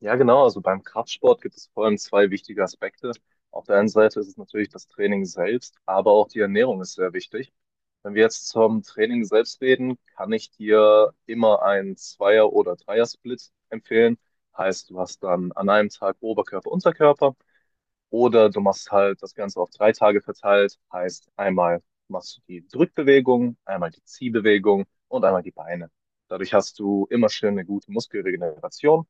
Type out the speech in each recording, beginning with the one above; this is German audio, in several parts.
Ja, genau. Also beim Kraftsport gibt es vor allem zwei wichtige Aspekte. Auf der einen Seite ist es natürlich das Training selbst, aber auch die Ernährung ist sehr wichtig. Wenn wir jetzt zum Training selbst reden, kann ich dir immer einen Zweier- oder Dreier-Split empfehlen. Heißt, du hast dann an einem Tag Oberkörper, Unterkörper oder du machst halt das Ganze auf drei Tage verteilt. Heißt, einmal machst du die Drückbewegung, einmal die Ziehbewegung und einmal die Beine. Dadurch hast du immer schön eine gute Muskelregeneration.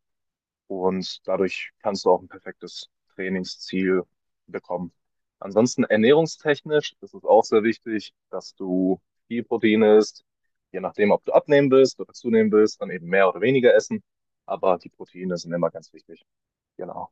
Und dadurch kannst du auch ein perfektes Trainingsziel bekommen. Ansonsten ernährungstechnisch ist es auch sehr wichtig, dass du viel Protein isst. Je nachdem, ob du abnehmen willst oder zunehmen willst, dann eben mehr oder weniger essen. Aber die Proteine sind immer ganz wichtig. Genau.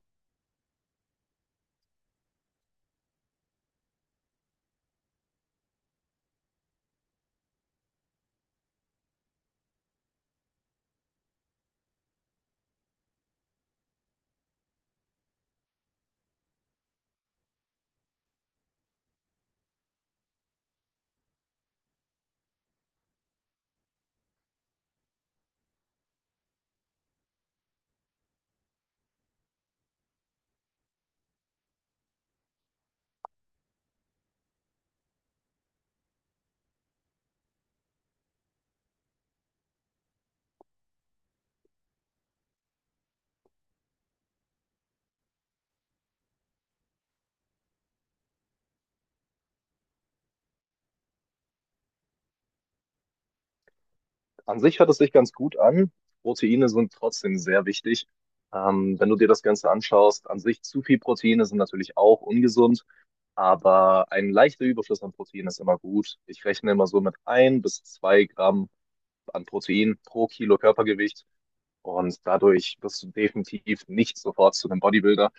An sich hört es sich ganz gut an. Proteine sind trotzdem sehr wichtig. Wenn du dir das Ganze anschaust, an sich zu viel Proteine sind natürlich auch ungesund. Aber ein leichter Überschuss an Protein ist immer gut. Ich rechne immer so mit 1 bis 2 Gramm an Protein pro Kilo Körpergewicht. Und dadurch wirst du definitiv nicht sofort zu einem Bodybuilder.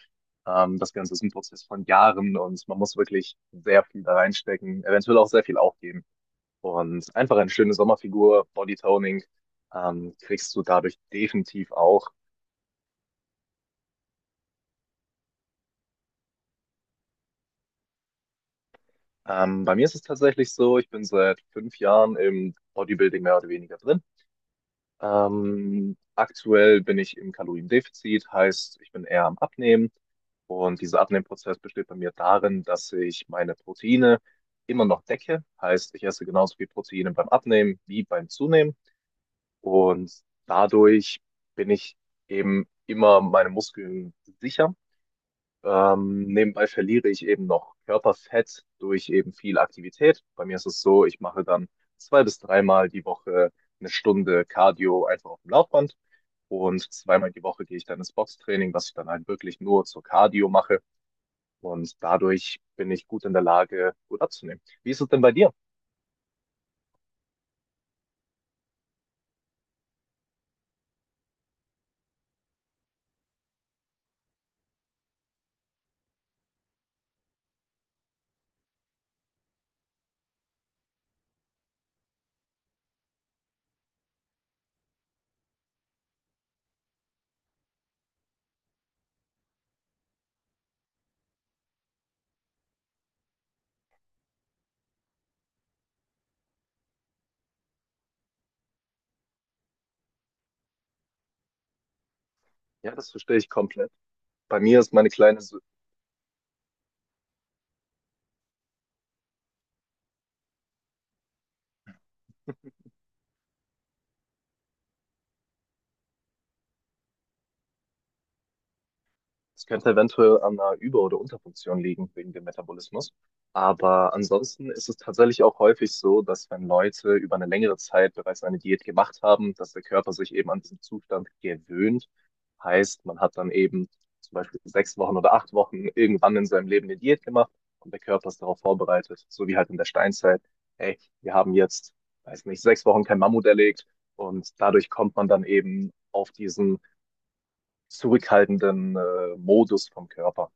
Das Ganze ist ein Prozess von Jahren und man muss wirklich sehr viel da reinstecken, eventuell auch sehr viel aufgeben. Und einfach eine schöne Sommerfigur, Bodytoning, kriegst du dadurch definitiv auch. Bei mir ist es tatsächlich so, ich bin seit 5 Jahren im Bodybuilding mehr oder weniger drin. Aktuell bin ich im Kaloriendefizit, heißt, ich bin eher am Abnehmen. Und dieser Abnehmprozess besteht bei mir darin, dass ich meine Proteine immer noch decke. Heißt, ich esse genauso viel Proteine beim Abnehmen wie beim Zunehmen. Und dadurch bin ich eben immer meine Muskeln sicher. Nebenbei verliere ich eben noch Körperfett durch eben viel Aktivität. Bei mir ist es so, ich mache dann zwei bis dreimal die Woche eine Stunde Cardio einfach auf dem Laufband. Und zweimal die Woche gehe ich dann ins Boxtraining, was ich dann halt wirklich nur zur Cardio mache. Und dadurch bin ich gut in der Lage, gut abzunehmen. Wie ist es denn bei dir? Ja, das verstehe ich komplett. Bei mir ist meine kleine. Es könnte eventuell an einer Über- oder Unterfunktion liegen wegen dem Metabolismus. Aber ansonsten ist es tatsächlich auch häufig so, dass wenn Leute über eine längere Zeit bereits eine Diät gemacht haben, dass der Körper sich eben an diesen Zustand gewöhnt. Heißt, man hat dann eben zum Beispiel 6 Wochen oder 8 Wochen irgendwann in seinem Leben eine Diät gemacht und der Körper ist darauf vorbereitet, so wie halt in der Steinzeit. Hey, wir haben jetzt, weiß nicht, 6 Wochen kein Mammut erlegt und dadurch kommt man dann eben auf diesen zurückhaltenden Modus vom Körper.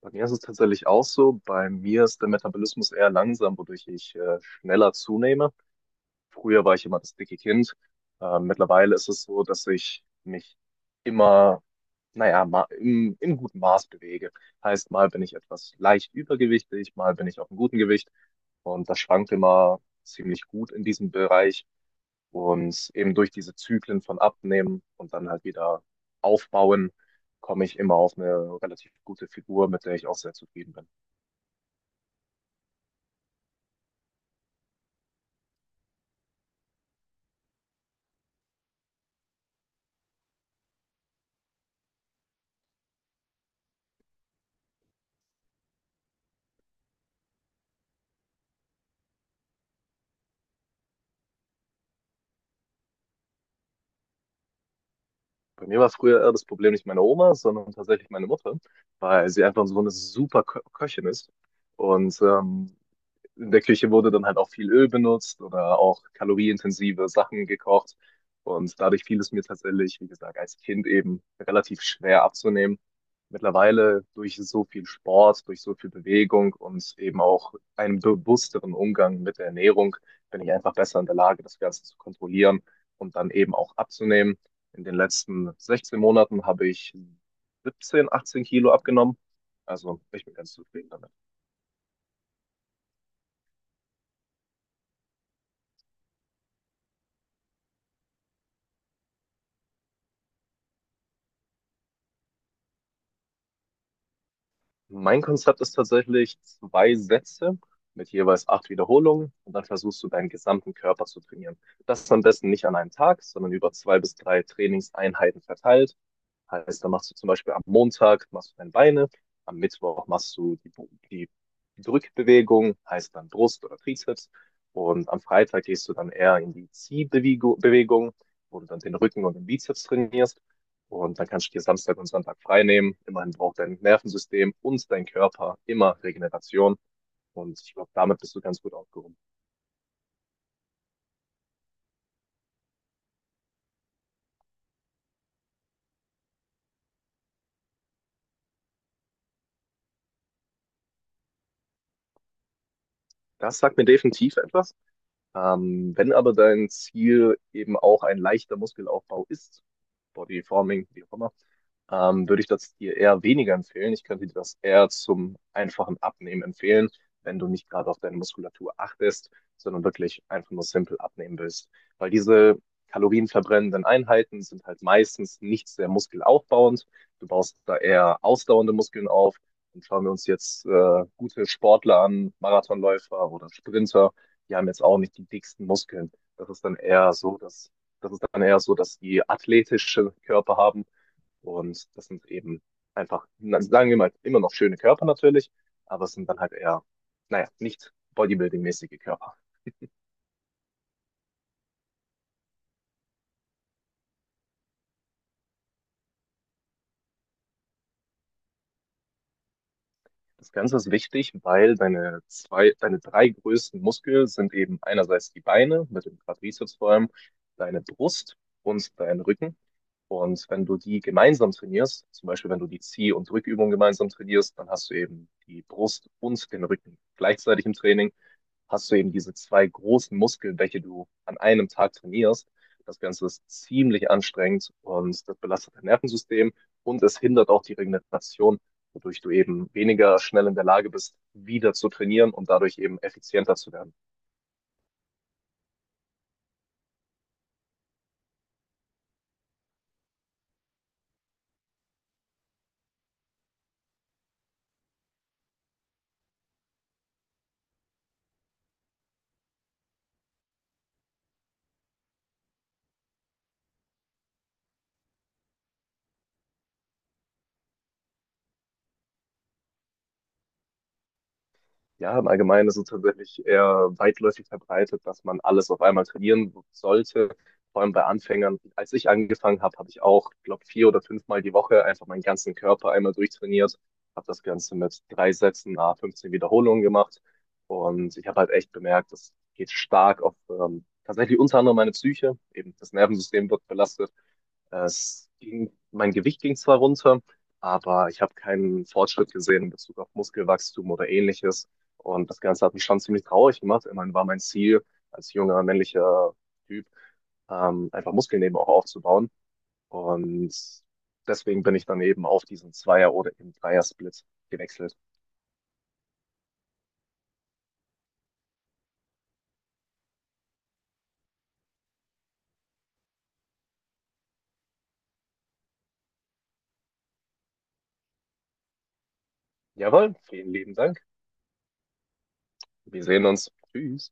Bei mir ist es tatsächlich auch so. Bei mir ist der Metabolismus eher langsam, wodurch ich schneller zunehme. Früher war ich immer das dicke Kind. Mittlerweile ist es so, dass ich mich immer, naja, im guten Maß bewege. Heißt, mal bin ich etwas leicht übergewichtig, mal bin ich auf einem guten Gewicht. Und das schwankt immer ziemlich gut in diesem Bereich. Und eben durch diese Zyklen von Abnehmen und dann halt wieder Aufbauen komme ich immer auf eine relativ gute Figur, mit der ich auch sehr zufrieden bin. Bei mir war es früher eher das Problem nicht meine Oma, sondern tatsächlich meine Mutter, weil sie einfach so eine super Kö Köchin ist. Und in der Küche wurde dann halt auch viel Öl benutzt oder auch kalorienintensive Sachen gekocht. Und dadurch fiel es mir tatsächlich, wie gesagt, als Kind eben relativ schwer abzunehmen. Mittlerweile durch so viel Sport, durch so viel Bewegung und eben auch einen bewussteren Umgang mit der Ernährung bin ich einfach besser in der Lage, das Ganze zu kontrollieren und dann eben auch abzunehmen. In den letzten 16 Monaten habe ich 17, 18 Kilo abgenommen. Also ich bin ganz zufrieden damit. Mein Konzept ist tatsächlich zwei Sätze mit jeweils acht Wiederholungen und dann versuchst du deinen gesamten Körper zu trainieren. Das am besten nicht an einem Tag, sondern über zwei bis drei Trainingseinheiten verteilt. Heißt, da machst du zum Beispiel am Montag machst du deine Beine, am Mittwoch machst du die Drückbewegung, heißt dann Brust oder Trizeps. Und am Freitag gehst du dann eher in die Ziehbewegung Bewegung, wo du dann den Rücken und den Bizeps trainierst. Und dann kannst du dir Samstag und Sonntag frei nehmen. Immerhin braucht dein Nervensystem und dein Körper immer Regeneration. Und ich glaube, damit bist du ganz gut aufgehoben. Das sagt mir definitiv etwas. Wenn aber dein Ziel eben auch ein leichter Muskelaufbau ist, Bodyforming, wie auch immer, würde ich das dir eher weniger empfehlen. Ich könnte dir das eher zum einfachen Abnehmen empfehlen, wenn du nicht gerade auf deine Muskulatur achtest, sondern wirklich einfach nur simpel abnehmen willst. Weil diese kalorienverbrennenden Einheiten sind halt meistens nicht sehr muskelaufbauend. Du baust da eher ausdauernde Muskeln auf. Und schauen wir uns jetzt gute Sportler an, Marathonläufer oder Sprinter, die haben jetzt auch nicht die dicksten Muskeln. Das ist dann eher so, dass die athletische Körper haben und das sind eben einfach, na, sagen wir mal, immer noch schöne Körper natürlich, aber es sind dann halt eher, naja, nicht bodybuilding-mäßige Körper. Das Ganze ist wichtig, weil deine zwei, deine drei größten Muskeln sind eben einerseits die Beine mit dem Quadrizeps vor allem, deine Brust und dein Rücken. Und wenn du die gemeinsam trainierst, zum Beispiel wenn du die Zieh- und Drückübung gemeinsam trainierst, dann hast du eben die Brust und den Rücken gleichzeitig im Training, hast du eben diese zwei großen Muskeln, welche du an einem Tag trainierst. Das Ganze ist ziemlich anstrengend und das belastet dein Nervensystem und es hindert auch die Regeneration, wodurch du eben weniger schnell in der Lage bist, wieder zu trainieren und dadurch eben effizienter zu werden. Ja, im Allgemeinen ist es tatsächlich eher weitläufig verbreitet, dass man alles auf einmal trainieren sollte. Vor allem bei Anfängern. Als ich angefangen habe, habe ich auch, glaube vier oder fünfmal die Woche einfach meinen ganzen Körper einmal durchtrainiert. Habe das Ganze mit drei Sätzen, à 15 Wiederholungen gemacht. Und ich habe halt echt bemerkt, das geht stark auf tatsächlich unter anderem meine Psyche. Eben das Nervensystem wird belastet. Es ging, mein Gewicht ging zwar runter, aber ich habe keinen Fortschritt gesehen in Bezug auf Muskelwachstum oder ähnliches. Und das Ganze hat mich schon ziemlich traurig gemacht. Immerhin war mein Ziel als junger männlicher Typ, einfach Muskeln eben auch aufzubauen. Und deswegen bin ich dann eben auf diesen Zweier- oder eben Dreier-Split gewechselt. Jawohl, vielen lieben Dank. Wir sehen uns. Tschüss.